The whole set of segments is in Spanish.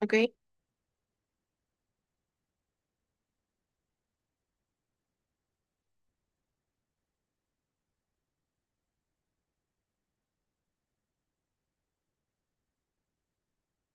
Ok.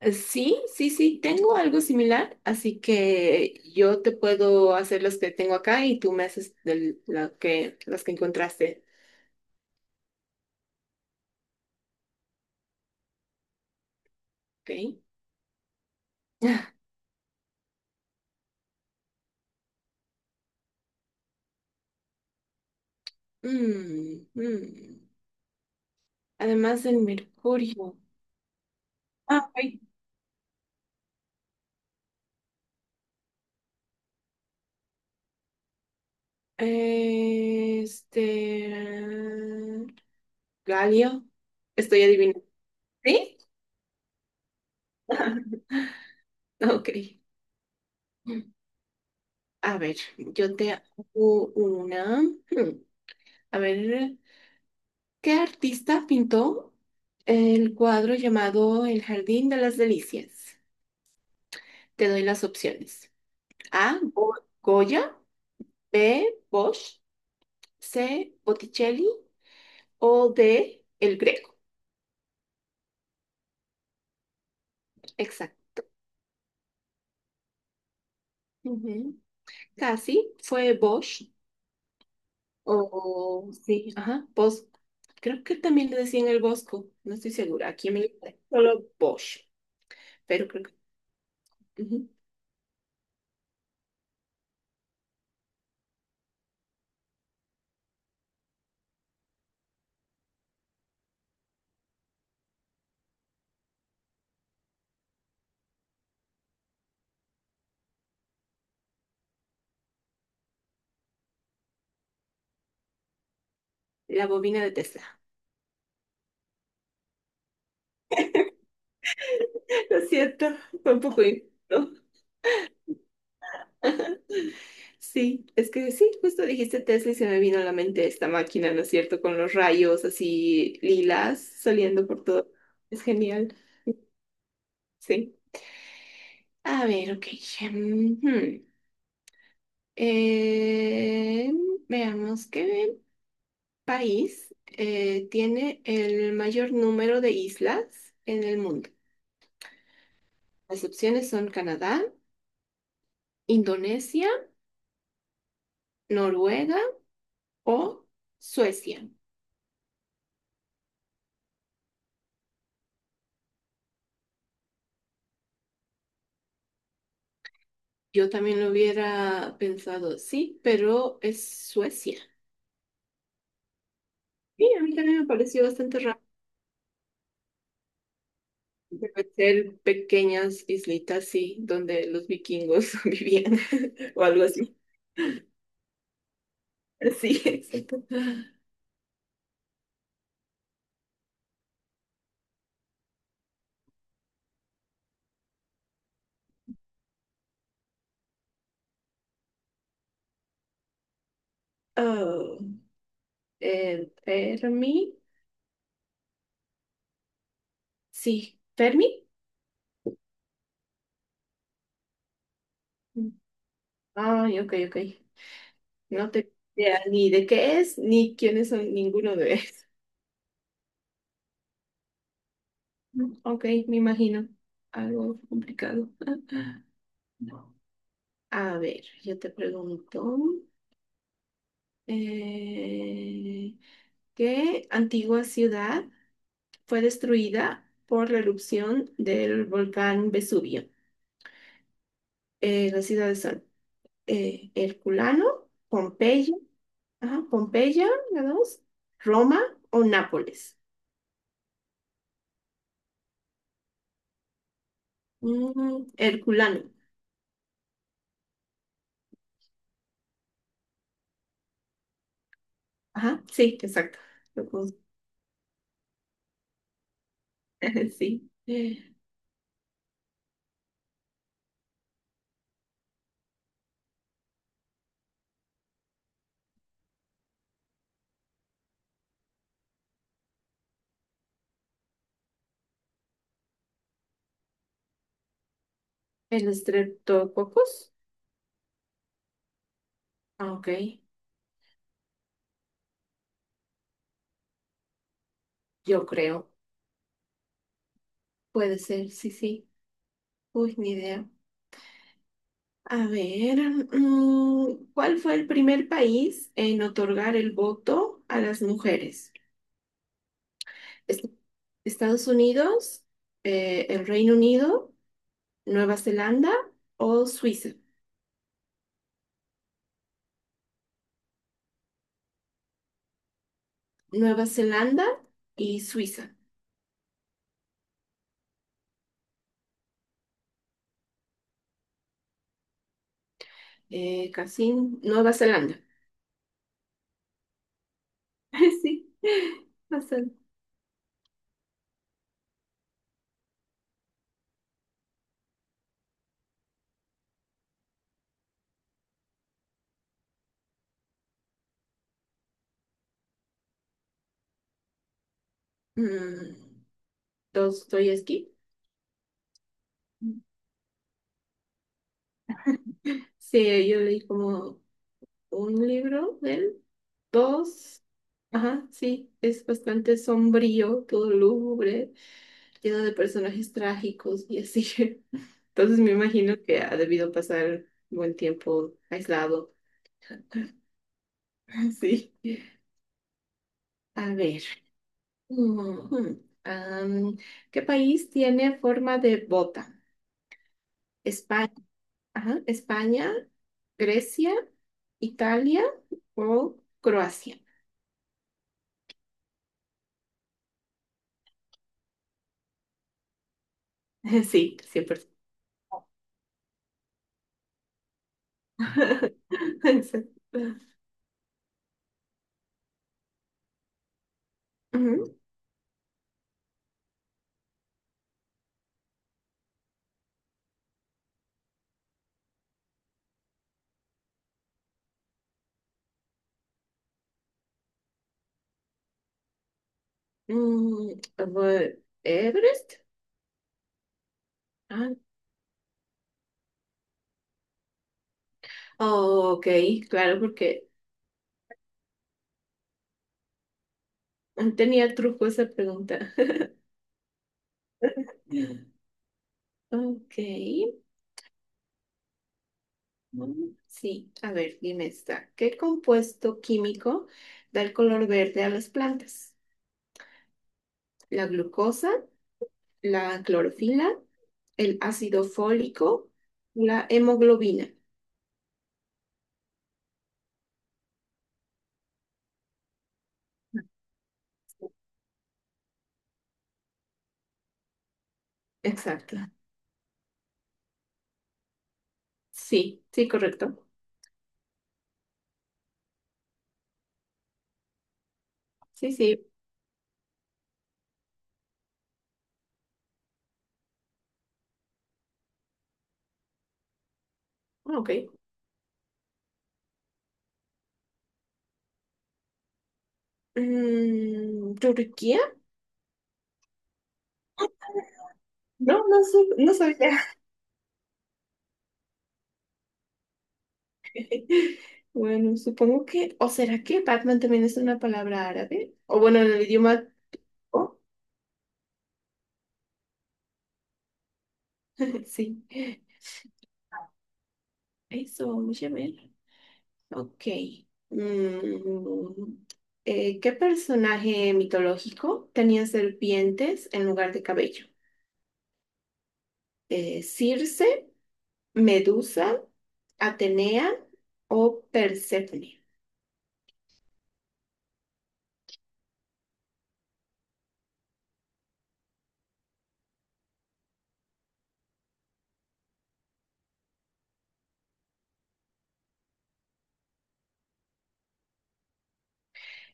Sí, sí, sí, tengo algo similar, así que yo te puedo hacer los que tengo acá y tú me haces la que, las que encontraste. Ok. Ah, mm, mm. Además del mercurio. Ah, ok. Eh, Este. Galio. Estoy adivinando. ¿Sí? Ok. A ver, yo te hago una. Hmm, A ver. ¿Qué artista pintó el cuadro llamado El Jardín de las Delicias? Te doy las opciones. A. Goya. B. Bosch. C. Botticelli. O D. El Greco. Exacto. Ujú. Casi fue Bosch. O sí, ajá, Bosch. Creo que también le decían el Bosco. No estoy segura. Aquí me solo Bosch. Pero creo que ujú. La bobina de Tesla. Lo siento, fue un poco injusto. Sí, es que sí, justo dijiste Tesla y se me vino a la mente esta máquina, ¿no es cierto? Con los rayos así lilas saliendo por todo. Es genial, sí. A ver, ok. Ujú. Eh, Veamos qué país tiene el mayor número de islas en el mundo. Las opciones son Canadá, Indonesia, Noruega o Suecia. Yo también lo hubiera pensado, sí, pero es Suecia. Sí, a mí también me pareció bastante raro. Debe ser pequeñas islitas, sí, donde los vikingos vivían o algo así. Sí, exacto. Oh, Fermi, sí, Fermi. Ay, ok, ok. No te idea ni de qué es, ni quiénes son ninguno de ellos. Ok, me imagino. Algo complicado. A ver, yo te pregunto, eh, ¿qué antigua ciudad fue destruida por la erupción del volcán Vesubio? Las ciudades son Herculano, Pompeya, ajá, Pompeya, la dos, Roma o Nápoles. Mm, Herculano, ajá, sí, exacto. Lo puse, sí. El estreptococos, ah, ok, yo creo, puede ser, sí, sí. Uy, ni idea. A ver, mm, ¿cuál fue el primer país en otorgar el voto a las mujeres? Est- ¿Estados Unidos, el Reino Unido, Nueva Zelanda o Suiza? Nueva Zelanda y Suiza. Casi Nueva Zelanda. Sí, bastante. Mm, Dostoyevsky. Sí, yo leí como un libro de él, dos. Ajá, sí, es bastante sombrío, todo lúgubre, lleno de personajes trágicos y así. Entonces me imagino que ha debido pasar buen tiempo aislado. Sí. A ver. Ujú. Am, ¿qué país tiene forma de bota? España, ajá España, Grecia, Italia o Croacia. Sí, 100%. Ujú. Mm, fue ¿Everest? Ah, oh, ok, claro, porque tenía truco esa pregunta. Ok, mm, sí, a ver, dime esta. ¿Qué compuesto químico da el color verde a las plantas? ¿La glucosa, la clorofila, el ácido fólico, la hemoglobina? Exacto. Sí, sí, correcto. Sí, sí, ok. Mm, ¿Turquía? No, no, no sabía. Bueno, supongo que, o será que Batman también es una palabra árabe, o bueno, en el idioma, oh, sí, eso, vamos a ver, ok, mm, ¿qué personaje mitológico tenía serpientes en lugar de cabello? ¿Circe, Medusa, Atenea o Perséfone?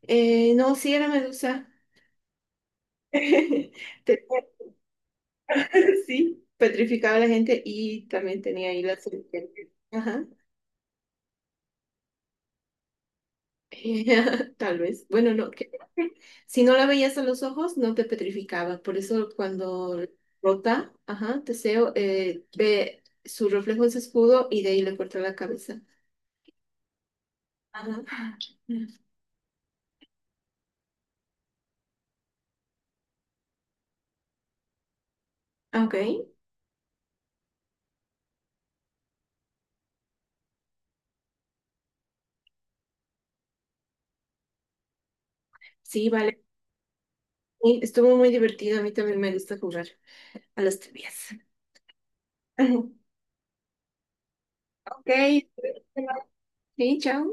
No, sí era Medusa, tenía sí, petrificaba a la gente y también tenía ahí la serpiente. Ajá. Tal vez. Bueno, no. Si no la veías a los ojos, no te petrificaba. Por eso cuando rota, ajá, Teseo ve su reflejo en su escudo y de ahí le corta la cabeza. Ajá. Ok. Sí, vale. Sí, estuvo muy divertido. A mí también me gusta jugar a las trivias. Ok. Sí, chao.